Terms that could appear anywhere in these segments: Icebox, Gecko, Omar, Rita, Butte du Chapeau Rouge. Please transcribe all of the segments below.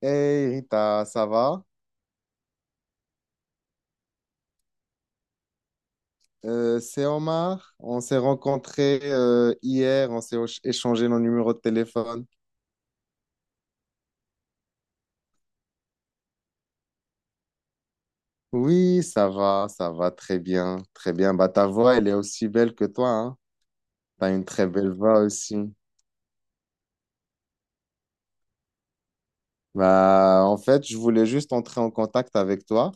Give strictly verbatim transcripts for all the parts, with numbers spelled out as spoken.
Hey Rita, ça va? Euh, c'est Omar. On s'est rencontrés euh, hier, on s'est éch- échangé nos numéros de téléphone. Oui, ça va, ça va très bien, très bien. Bah, ta voix, elle est aussi belle que toi, hein. T'as une très belle voix aussi. Bah, en fait, je voulais juste entrer en contact avec toi.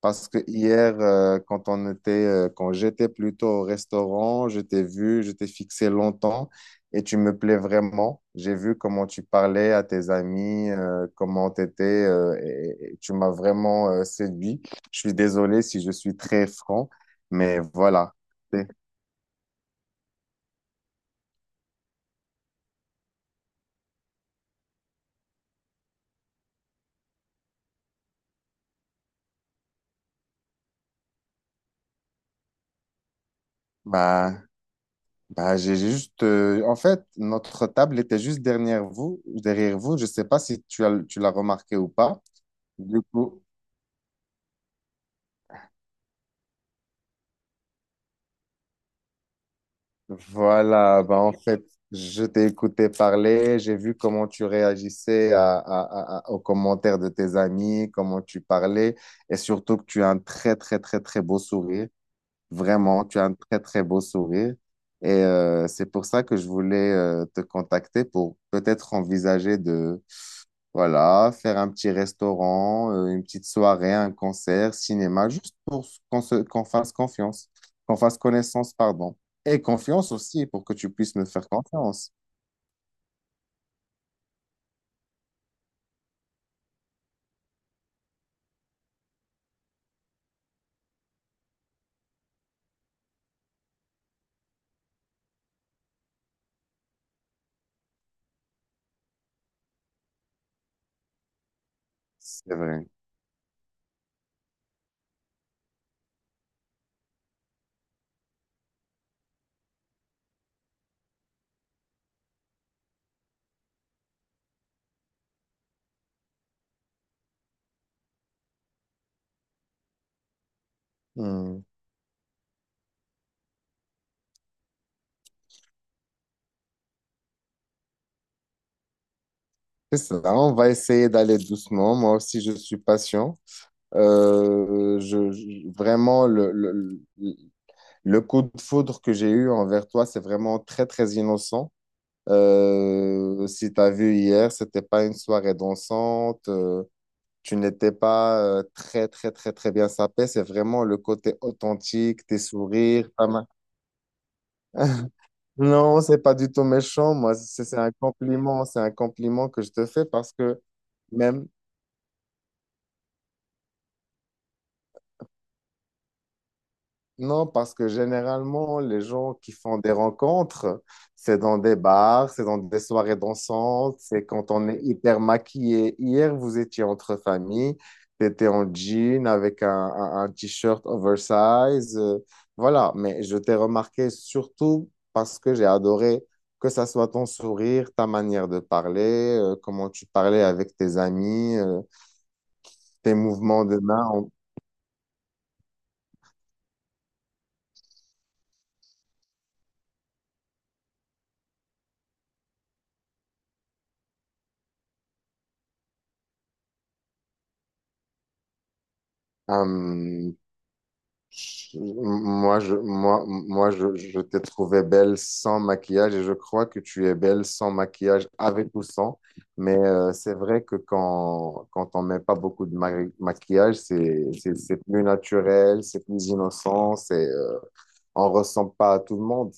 Parce que hier, euh, quand on était, euh, quand j'étais plutôt au restaurant, je t'ai vu, je t'ai fixé longtemps et tu me plais vraiment. J'ai vu comment tu parlais à tes amis, euh, comment t'étais, euh, et, et tu m'as vraiment, euh, séduit. Je suis désolé si je suis très franc, mais voilà. C'est- Bah, bah, j'ai juste, euh, en fait, notre table était juste derrière vous, derrière vous. Je sais pas si tu as, tu l'as remarqué ou pas. Du coup, voilà, bah en fait, je t'ai écouté parler, j'ai vu comment tu réagissais à, à- à- aux commentaires de tes amis, comment tu parlais, et surtout que tu as un très, très, très, très beau sourire. Vraiment, tu as un très, très beau sourire. Et euh, c'est pour ça que je voulais euh, te contacter pour peut-être envisager voilà, faire un petit restaurant, euh, une petite soirée, un concert, cinéma, juste pour s- qu'on se, qu'on fasse confiance, qu'on fasse connaissance, pardon. Et confiance aussi, pour que tu puisses me faire confiance. C'est vrai. Hmm. C'est ça, on va essayer d'aller doucement. Moi aussi, je suis patient. Euh, je, je- vraiment, le, le, le le coup de foudre que j'ai eu envers toi, c'est vraiment très, très innocent. Euh, si tu as vu hier, c'était pas une soirée dansante. Euh, tu n'étais pas euh, très, très, très, très bien sapé. C'est vraiment le côté authentique, tes sourires, ta main. Non, c'est pas du tout méchant. Moi, c'est c'est un compliment. C'est un compliment que je te fais parce que même, non, parce que généralement, les gens qui font des rencontres, c'est dans des bars, c'est dans des soirées dansantes, c'est quand on est hyper maquillé. Hier, vous étiez entre familles, t'étais en jean avec un, un- un t-shirt oversize. Euh, voilà, mais je t'ai remarqué surtout parce que j'ai adoré que ça soit ton sourire, ta manière de parler, euh, comment tu parlais avec tes amis, euh, tes mouvements de main. Hum, Je- Moi, je, moi, moi, je, je t'ai trouvé belle sans maquillage et je crois que tu es belle sans maquillage, avec ou sans. Mais euh, c'est vrai que quand, quand on met pas beaucoup de ma- maquillage, c'est, c'est, c'est plus naturel, c'est plus innocent, c'est, euh, on ressemble pas à tout le monde.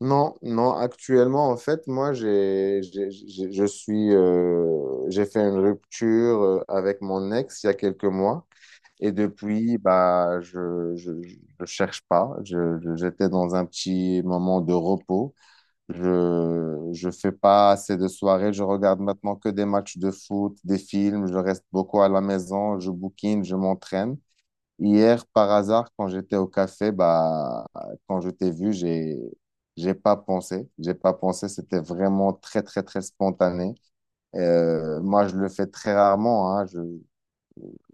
Non, non, actuellement, en fait, moi, j'ai, j'ai, j'ai- je suis, euh, j'ai fait une rupture euh, avec mon ex il y a quelques mois. Et depuis, bah, je, je, je je cherche pas. Je, je- j'étais dans un petit moment de repos. Je, je fais pas assez de soirées. Je regarde maintenant que des matchs de foot, des films. Je reste beaucoup à la maison. Je bouquine, je m'entraîne. Hier, par hasard, quand j'étais au café, bah, quand je t'ai vu, j'ai, j'ai pas pensé. J'ai pas pensé. C'était vraiment très, très, très spontané. Euh, moi, je le fais très rarement, hein. Je,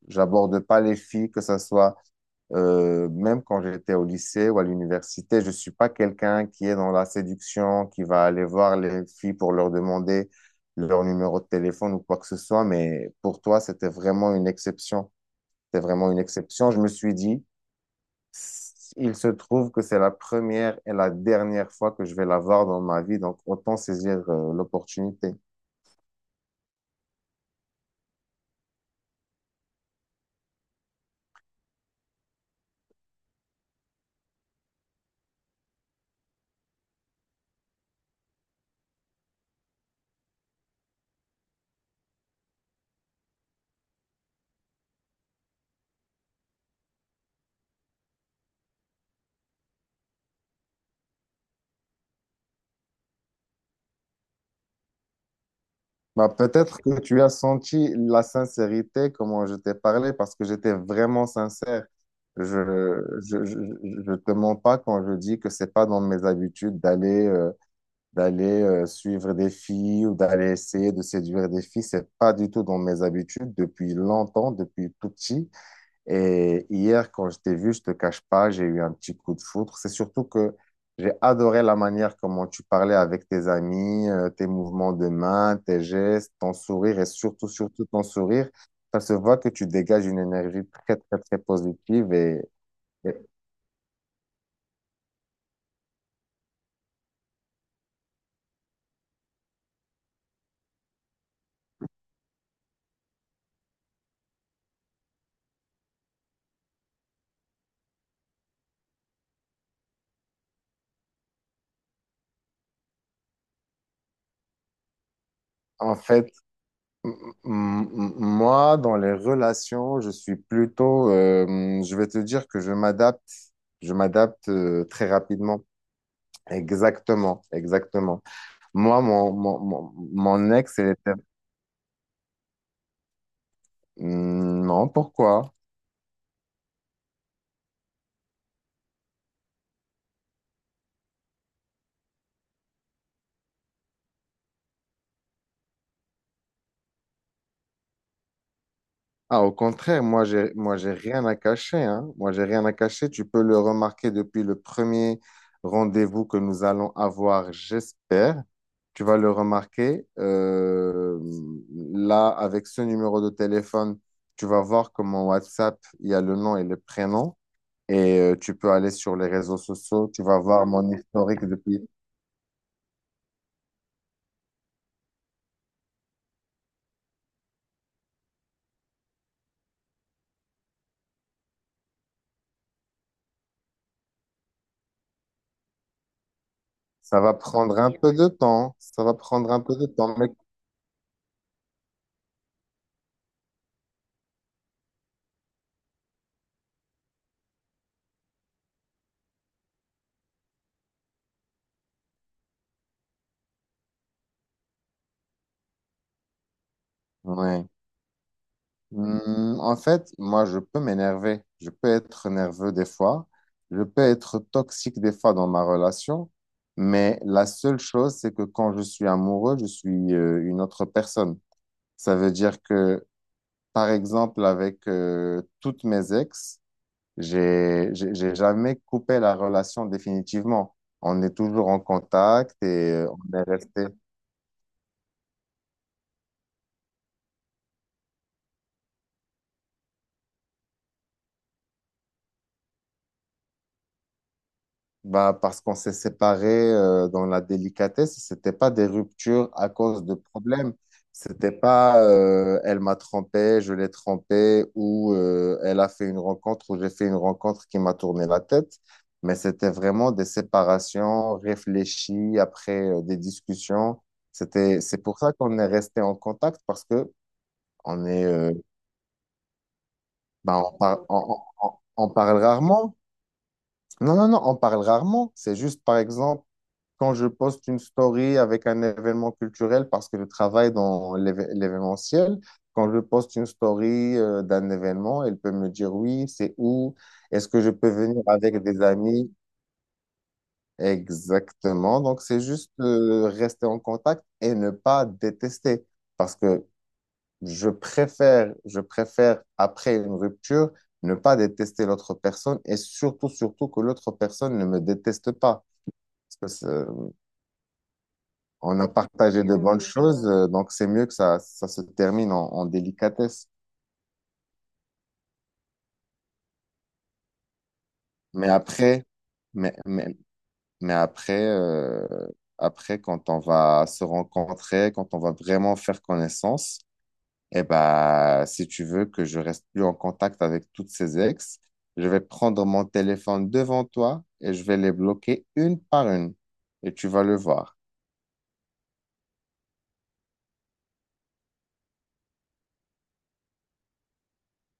j'aborde pas les filles, que ça soit euh, même quand j'étais au lycée ou à l'université, je ne suis pas quelqu'un qui est dans la séduction, qui va aller voir les filles pour leur demander leur numéro de téléphone ou quoi que ce soit. Mais pour toi, c'était vraiment une exception. C'était vraiment une exception. Je me suis dit, il se trouve que c'est la première et la dernière fois que je vais la voir dans ma vie, donc autant saisir euh, l'opportunité. Bah, peut-être que tu as senti la sincérité, comment je t'ai parlé, parce que j'étais vraiment sincère. Je je, je, je te mens pas quand je dis que c'est pas dans mes habitudes d'aller euh, d'aller euh, suivre des filles ou d'aller essayer de séduire des filles. C'est pas du tout dans mes habitudes depuis longtemps, depuis tout petit. Et hier, quand je t'ai vu, je te cache pas, j'ai eu un petit coup de foudre. C'est surtout que j'ai adoré la manière comment tu parlais avec tes amis, euh, tes mouvements de main, tes gestes, ton sourire et surtout, surtout ton sourire. Ça se voit que tu dégages une énergie très, très, très positive et en fait, m- m- m- moi, dans les relations, je suis plutôt, euh, je vais te dire que je m'adapte, je m'adapte euh, très rapidement. Exactement, exactement. Moi, mon, mon, mon, mon ex, elle était... Hmm, non, pourquoi? Ah, au contraire, moi, j'ai, moi, j'ai rien à cacher, hein. Moi, j'ai rien à cacher. Tu peux le remarquer depuis le premier rendez-vous que nous allons avoir, j'espère. Tu vas le remarquer. Euh, là, avec ce numéro de téléphone, tu vas voir que mon WhatsApp, il y a le nom et le prénom. Et euh, tu peux aller sur les réseaux sociaux. Tu vas voir mon historique depuis. Ça va prendre un peu de temps. Ça va prendre un peu de temps, mais... Ouais. Hmm, en fait, moi, je peux m'énerver. Je peux être nerveux des fois. Je peux être toxique des fois dans ma relation. Mais la seule chose, c'est que quand je suis amoureux, je suis euh, une autre personne. Ça veut dire que, par exemple, avec euh, toutes mes ex, j'ai, j'ai j'ai jamais coupé la relation définitivement. On est toujours en contact et euh, on est resté. Bah, parce qu'on s'est séparés euh, dans la délicatesse, c'était pas des ruptures à cause de problèmes. C'était pas euh, elle m'a trompé, je l'ai trompé, ou euh, elle a fait une rencontre, ou j'ai fait une rencontre qui m'a tourné la tête. Mais c'était vraiment des séparations réfléchies après euh, des discussions. C'était, c'est pour ça qu'on est resté en contact parce que on est, euh, bah, on, par- on on- on- on parle rarement. Non, non, non, on parle rarement. C'est juste, par exemple, quand je poste une story avec un événement culturel, parce que je travaille dans l'éve- l'événementiel, quand je poste une story euh, d'un événement, elle peut me dire oui, c'est où, est-ce que je peux venir avec des amis? Exactement. Donc, c'est juste euh, rester en contact et ne pas détester. Parce que je préfère, je préfère, après une rupture, ne pas détester l'autre personne et surtout, surtout que l'autre personne ne me déteste pas. Parce que, euh, on a partagé de bonnes choses, euh, donc c'est mieux que ça, ça se termine en, en délicatesse. Mais après, mais, mais, mais après, euh, après, quand on va se rencontrer, quand on va vraiment faire connaissance, eh ben, si tu veux que je reste plus en contact avec toutes ces ex, je vais prendre mon téléphone devant toi et je vais les bloquer une par une. Et tu vas le voir.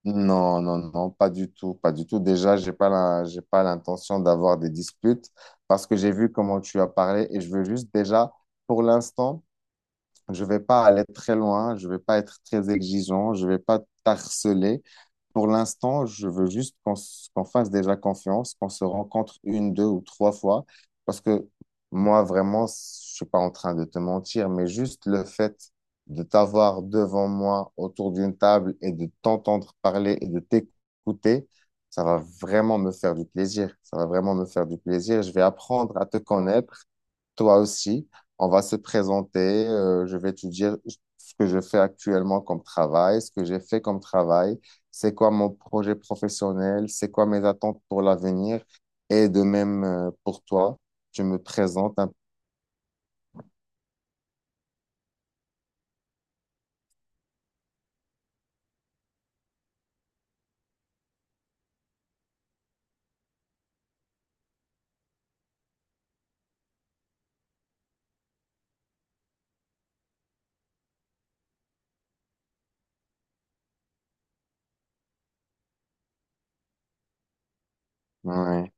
Non, non, non, pas du tout, pas du tout. Déjà, j'ai pas la- j'ai pas l'intention d'avoir des disputes parce que j'ai vu comment tu as parlé et je veux juste déjà, pour l'instant, je vais pas aller très loin, je vais pas être très exigeant, je vais pas t'harceler. Pour l'instant, je veux juste qu'on s- qu'on fasse déjà confiance, qu'on se rencontre une, deux ou trois fois, parce que moi, vraiment, s- je suis pas en train de te mentir, mais juste le fait de t'avoir devant moi autour d'une table et de t'entendre parler et de t'écouter, ça va vraiment me faire du plaisir. Ça va vraiment me faire du plaisir. Je vais apprendre à te connaître toi aussi, on va se présenter. Euh, je vais te dire ce que je fais actuellement comme travail, ce que j'ai fait comme travail, c'est quoi mon projet professionnel, c'est quoi mes attentes pour l'avenir. Et de même, euh, pour toi, tu me présentes un ouais.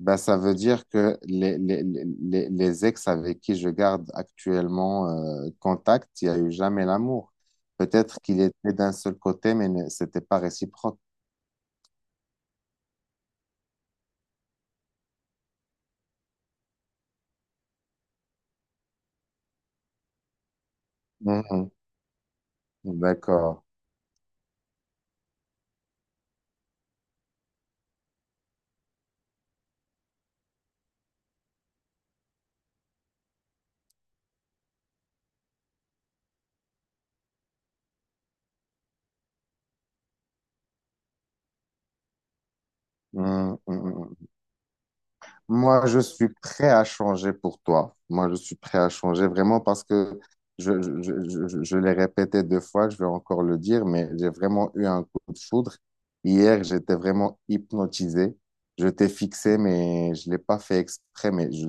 Ben, ça veut dire que les, les, les, les les ex avec qui je garde actuellement euh, contact, il n'y a eu jamais l'amour. Peut-être qu'il était d'un seul côté, mais ne- c'était pas réciproque. Mhm. D'accord. Mhm. Mhm. Moi, je suis prêt à changer pour toi. Moi, je suis prêt à changer vraiment parce que je, je, je, je, je l'ai répété deux fois, je vais encore le dire, mais j'ai vraiment eu un coup de foudre. Hier, j'étais vraiment hypnotisé. Je t'ai fixé, mais je ne l'ai pas fait exprès, mais je,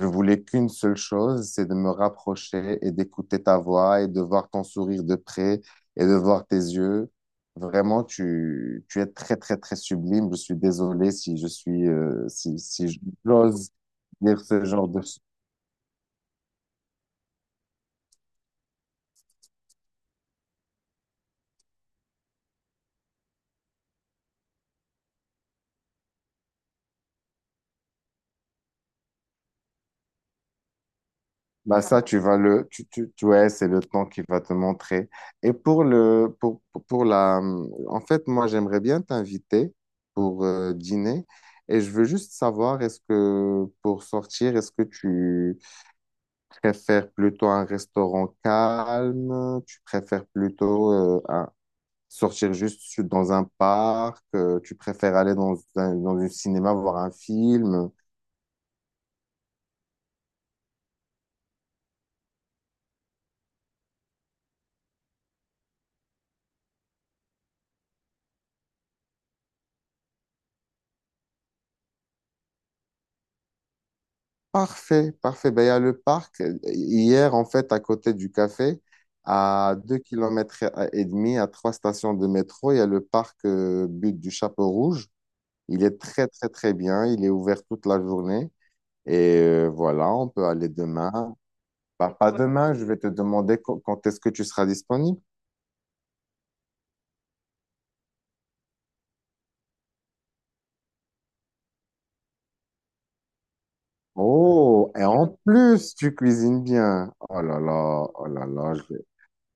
je voulais qu'une seule chose, c'est de me rapprocher et d'écouter ta voix et de voir ton sourire de près et de voir tes yeux. Vraiment, tu, tu es très, très, très sublime. Je suis désolé si je suis, euh, si, si j'ose dire ce genre de... Bah ça, tu vas le, tu, tu, tu- ouais, c'est le temps qui va te montrer. Et pour le, pour, pour la, en fait, moi, j'aimerais bien t'inviter pour euh, dîner, et je veux juste savoir, est-ce que pour sortir, est-ce que tu préfères plutôt un restaurant calme? Tu préfères plutôt euh, un- sortir juste su- dans un parc? Euh, tu préfères aller dans un, dans un cinéma voir un film? Parfait, parfait. Ben, il y a le parc. euh, Hier, en fait, à côté du café, à deux kilomètres et demi, à trois stations de métro, il y a le parc euh, Butte du Chapeau Rouge. Il est très, très, très bien. Il est ouvert toute la journée. Et euh, voilà, on peut aller demain. Bah, pas ouais. Demain, je vais te demander qu- quand est-ce que tu seras disponible. Oh, et en plus, tu cuisines bien. Oh là là, oh là là, je,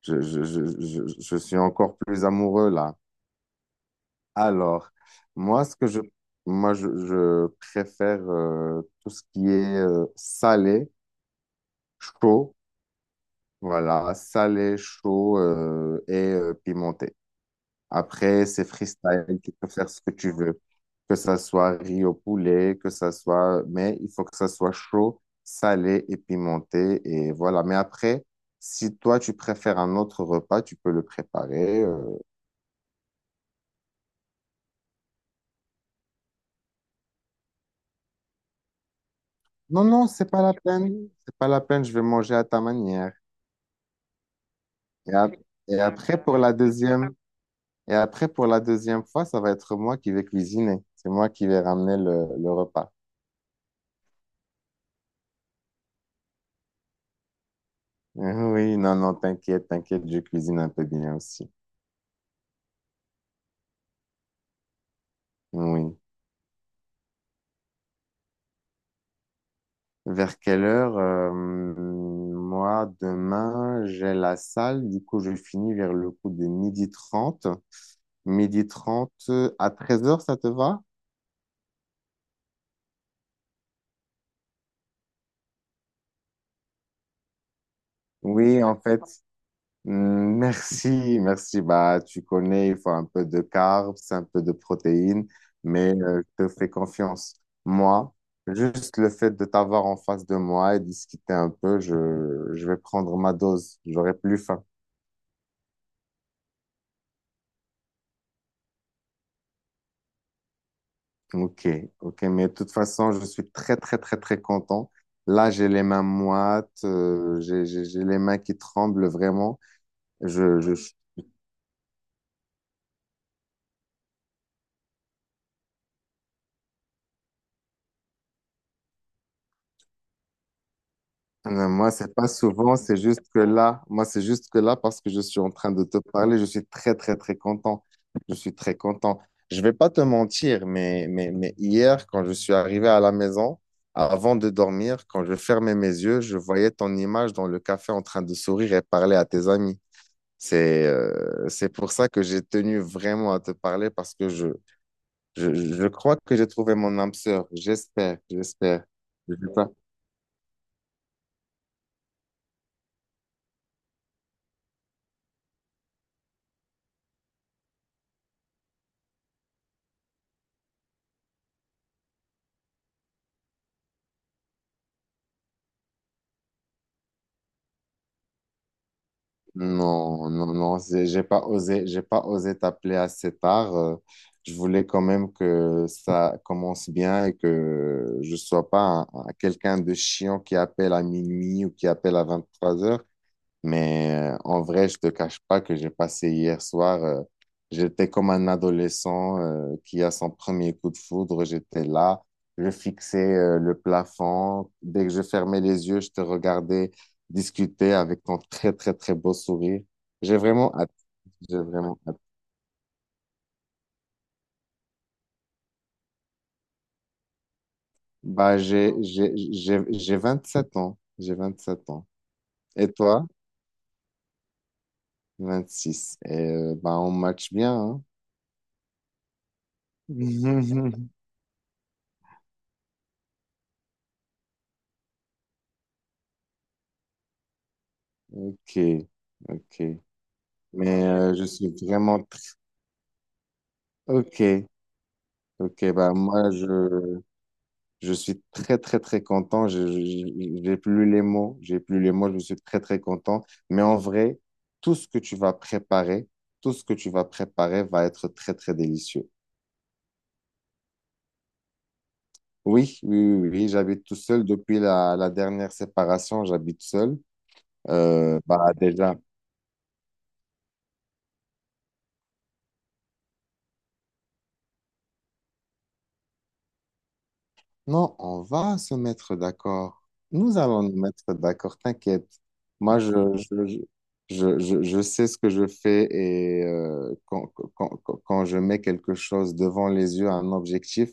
je, je, je, je- je suis encore plus amoureux là. Alors, moi, ce que je, moi, je, je préfère euh, tout ce qui est euh, salé, chaud, voilà, salé, chaud euh, et euh, pimenté. Après, c'est freestyle, tu peux faire ce que tu veux, que ça soit riz au poulet, que ça soit, mais il faut que ça soit chaud, salé et pimenté, et voilà. Mais après, si toi tu préfères un autre repas, tu peux le préparer. euh. Non, non, c'est pas la peine, c'est pas la peine, je vais manger à ta manière. Et, ap- et après pour la deuxième, et après pour la deuxième fois, ça va être moi qui vais cuisiner, c'est moi qui vais ramener le, le repas. Oui, non, non, t'inquiète, t'inquiète, je cuisine un peu bien aussi. Oui. Vers quelle heure? Euh, moi, demain, j'ai la salle. Du coup, je finis vers le coup de midi trente. Midi trente à treize heures, ça te va? Oui, en fait. mm, Merci, merci. Bah, tu connais, il faut un peu de carbs, un peu de protéines, mais euh, je te fais confiance. Moi, juste le fait de t'avoir en face de moi et discuter un peu, je, je vais prendre ma dose. J'aurai plus faim. Ok, ok, mais de toute façon, je suis très, très, très, très content. Là, j'ai les mains moites, euh, j'ai j'ai- j'ai les mains qui tremblent vraiment. Je, je, je- Euh, moi, c'est pas souvent, c'est juste que là, moi, c'est juste que là, parce que je suis en train de te parler, je suis très, très, très content. Je suis très content. Je vais pas te mentir, mais, mais, mais hier, quand je suis arrivé à la maison, avant de dormir, quand je fermais mes yeux, je voyais ton image dans le café en train de sourire et parler à tes amis. C'est euh, c'est pour ça que j'ai tenu vraiment à te parler parce que je, je, je crois que j'ai trouvé mon âme sœur. J'espère, j'espère. Je sais pas. Non, non, non, c'est- j'ai pas osé, j'ai pas osé t'appeler assez tard. Euh, je voulais quand même que ça commence bien et que je sois pas un- un- quelqu'un de chiant qui appelle à minuit ou qui appelle à vingt-trois heures. Mais euh, en vrai, je te cache pas que j'ai passé hier soir, euh, j'étais comme un adolescent euh, qui a son premier coup de foudre. J'étais là, je fixais euh, le plafond. Dès que je fermais les yeux, je te regardais discuter avec ton très, très, très beau sourire. J'ai vraiment hâte. J'ai vraiment hâte. Bah, j'ai, j'ai, j'ai, j'ai vingt sept ans. J'ai vingt sept ans. Et toi? Vingt six. Et euh, bah, on match bien, hein? Ok, ok. Mais euh, je suis vraiment très... Ok, ok, bah moi je, je suis très très très content. Je, je- je- j'ai plus les mots, j'ai plus les mots, je suis très très content. Mais en vrai, tout ce que tu vas préparer, tout ce que tu vas préparer va être très très délicieux. Oui, oui, oui, oui, j'habite tout seul depuis la, la dernière séparation, j'habite seul. Euh, bah déjà. Non, on va se mettre d'accord. Nous allons nous mettre d'accord, t'inquiète. Moi, je, je, je, je, je- je sais ce que je fais et euh, quand, quand, quand quand je mets quelque chose devant les yeux, un objectif,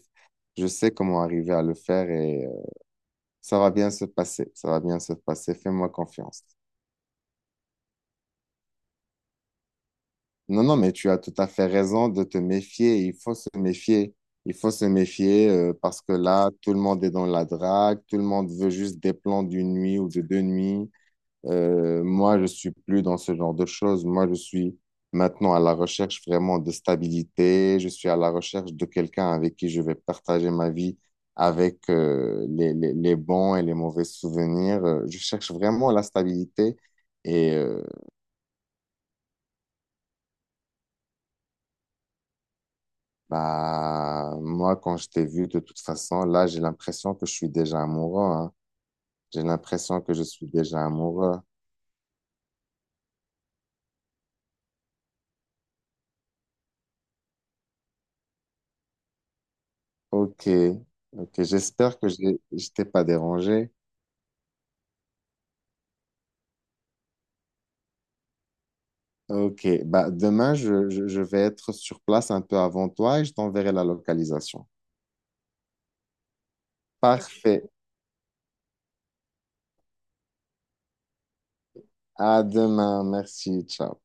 je sais comment arriver à le faire et euh, ça va bien se passer. Ça va bien se passer. Fais-moi confiance. Non, non, mais tu as tout à fait raison de te méfier. Il faut se méfier. Il faut se méfier euh, parce que là, tout le monde est dans la drague, tout le monde veut juste des plans d'une nuit ou de deux nuits. Euh, moi, je suis plus dans ce genre de choses. Moi, je suis maintenant à la recherche vraiment de stabilité. Je suis à la recherche de quelqu'un avec qui je vais partager ma vie, avec euh, les, les, les bons et les mauvais souvenirs. Euh, Je cherche vraiment la stabilité. Et euh, bah, moi, quand je t'ai vu, de toute façon, là, j'ai l'impression que je suis déjà amoureux, hein. J'ai l'impression que je suis déjà amoureux. Ok, ok. J'espère que j'ai- je t'ai pas dérangé. Ok, bah, demain, je, je- je vais être sur place un peu avant toi et je t'enverrai la localisation. Parfait. À demain. Merci. Ciao.